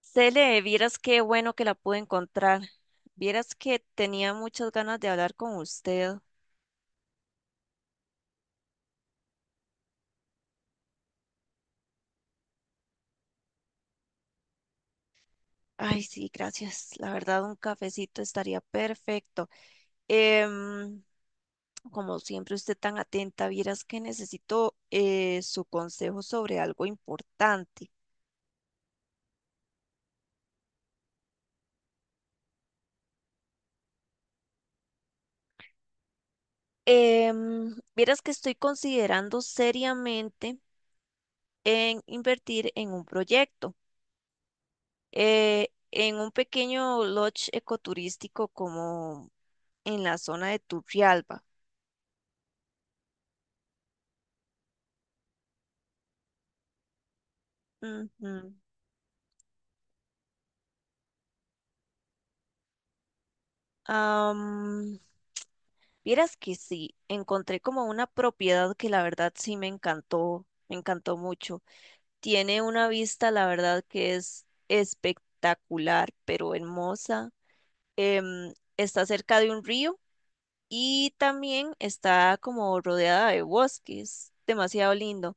Cele, vieras qué bueno que la pude encontrar. Vieras que tenía muchas ganas de hablar con usted. Ay, sí, gracias. La verdad, un cafecito estaría perfecto. Em, Como siempre, usted tan atenta, vieras que necesito su consejo sobre algo importante. Vieras que estoy considerando seriamente en invertir en un proyecto, en un pequeño lodge ecoturístico como en la zona de Turrialba. Ujú. Am, Vieras que sí, encontré como una propiedad que la verdad sí me encantó mucho. Tiene una vista, la verdad que es espectacular, pero hermosa. Está cerca de un río y también está como rodeada de bosques, demasiado lindo.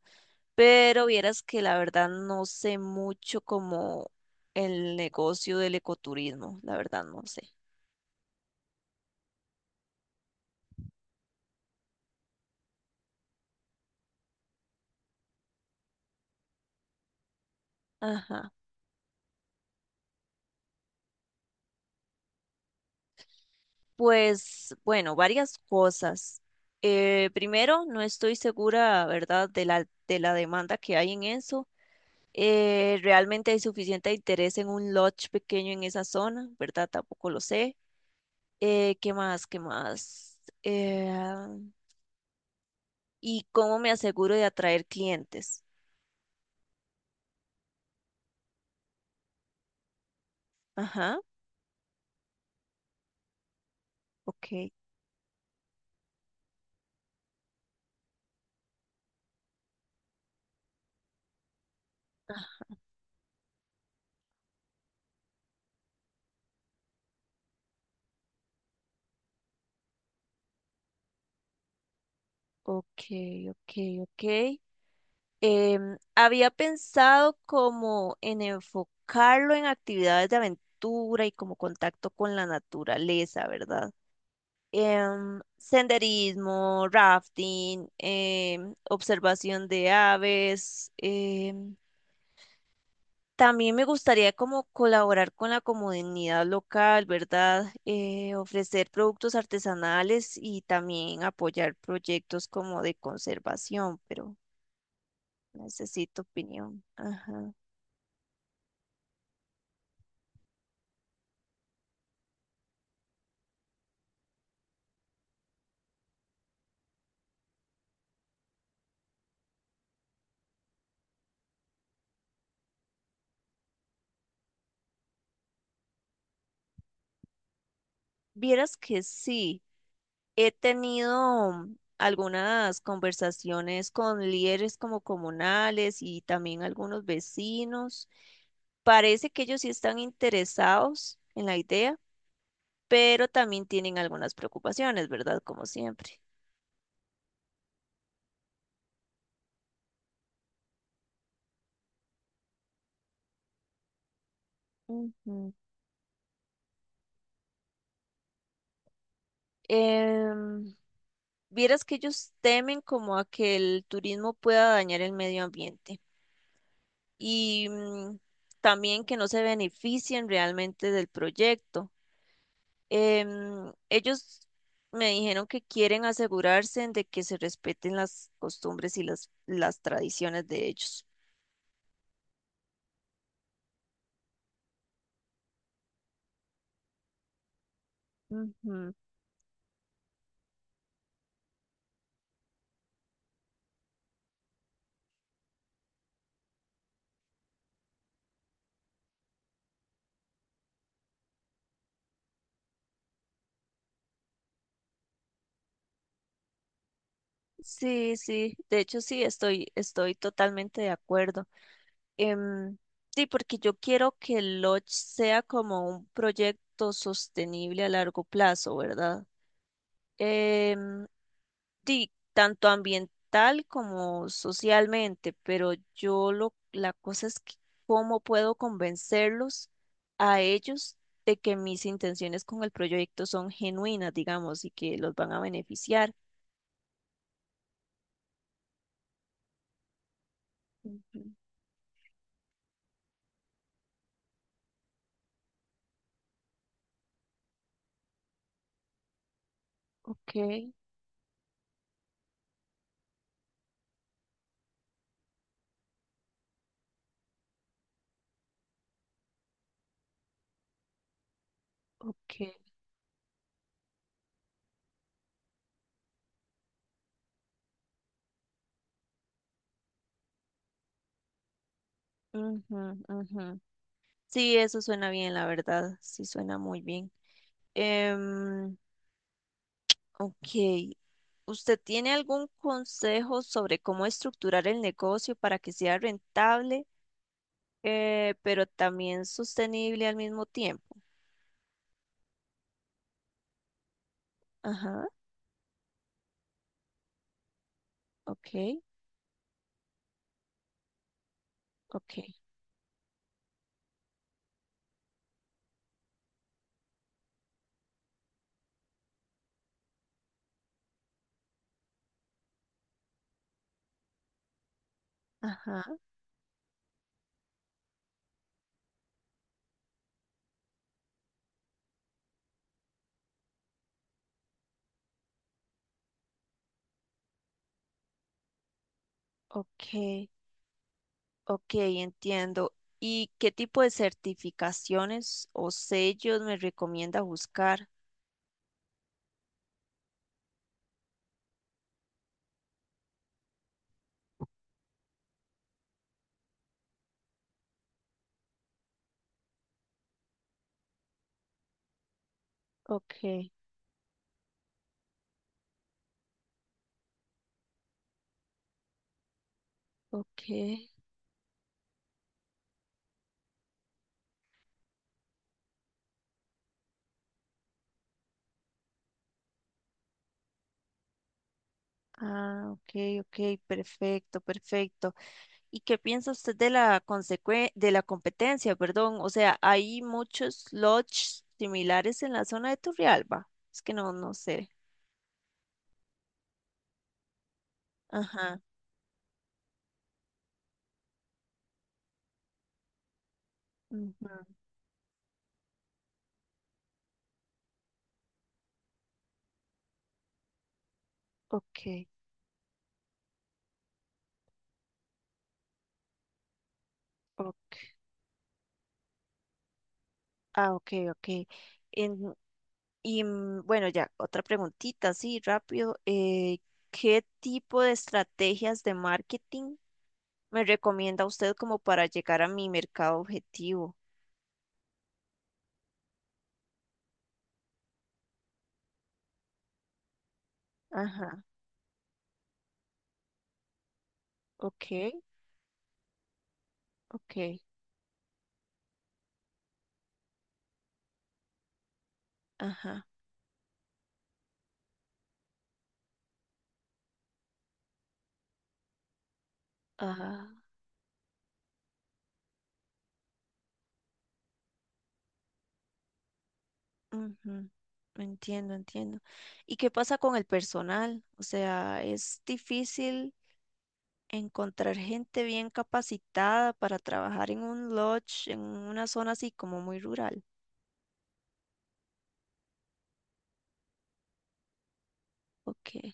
Pero vieras que la verdad no sé mucho como el negocio del ecoturismo, la verdad no sé. Ajá. Pues bueno, varias cosas. Primero, no estoy segura, ¿verdad?, de la demanda que hay en eso. ¿Realmente hay suficiente interés en un lodge pequeño en esa zona, ¿verdad? Tampoco lo sé. ¿Qué más? ¿Qué más? ¿Y cómo me aseguro de atraer clientes? Ajá. Ok, ok, ok, ok. Había pensado como en enfocarlo en actividades de aventura y como contacto con la naturaleza, ¿verdad? Senderismo, rafting, observación de aves. También me gustaría como colaborar con la comunidad local, ¿verdad? Ofrecer productos artesanales y también apoyar proyectos como de conservación, pero necesito opinión. Ajá. Vieras que sí, he tenido algunas conversaciones con líderes como comunales y también algunos vecinos. Parece que ellos sí están interesados en la idea, pero también tienen algunas preocupaciones, ¿verdad? Como siempre. Ujú. Em, Vieras que ellos temen como a que el turismo pueda dañar el medio ambiente y también que no se beneficien realmente del proyecto. Ellos me dijeron que quieren asegurarse de que se respeten las costumbres y las tradiciones de ellos. Ujú. Sí, sí, de hecho sí, estoy totalmente de acuerdo. Em, sí, porque yo quiero que el Lodge sea como un proyecto sostenible a largo plazo, ¿verdad? Em, Sí, tanto ambiental como socialmente, pero yo lo, la cosa es que cómo puedo convencerlos a ellos de que mis intenciones con el proyecto son genuinas, digamos, y que los van a beneficiar. Ujú, ok, ok. Ujú, ujú. Sí, eso suena bien, la verdad, sí suena muy bien. Em, ok, ¿usted tiene algún consejo sobre cómo estructurar el negocio para que sea rentable? Eh, pero también sostenible al mismo tiempo. Ajá, ok, ok, ajá, ok, ok, entiendo. ¿Y qué tipo de certificaciones o sellos me recomienda buscar? Ok, ok. Ah, ok, ok, perfecto, perfecto. ¿Y qué piensa usted de la consecue- de la competencia, perdón? O sea, hay muchos lodges similares en la zona de Turrialba. Es que no, no sé. Ajá. Ujú. Ok, ok. Ah, ok, ok. En- y bueno, ya, otra preguntita, sí, rápido. ¿Qué tipo de estrategias de marketing me recomienda usted como para llegar a mi mercado objetivo? Ajá, ok, ok, ajá, ajá. Ujú, entiendo, entiendo. ¿Y qué pasa con el personal? O sea, ¿es difícil encontrar gente bien capacitada para trabajar en un lodge, en una zona así como muy rural? Ok,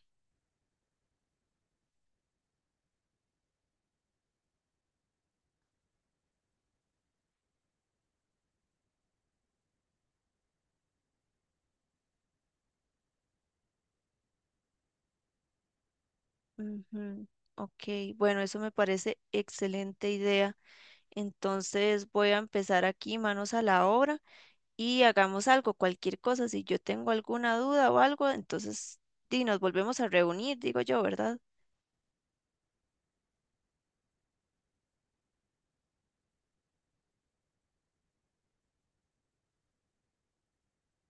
ujú, ok, bueno, eso me parece excelente idea. Entonces voy a empezar aquí, manos a la obra, y hagamos algo, cualquier cosa. Si yo tengo alguna duda o algo, entonces di, nos volvemos a reunir, digo yo, ¿verdad?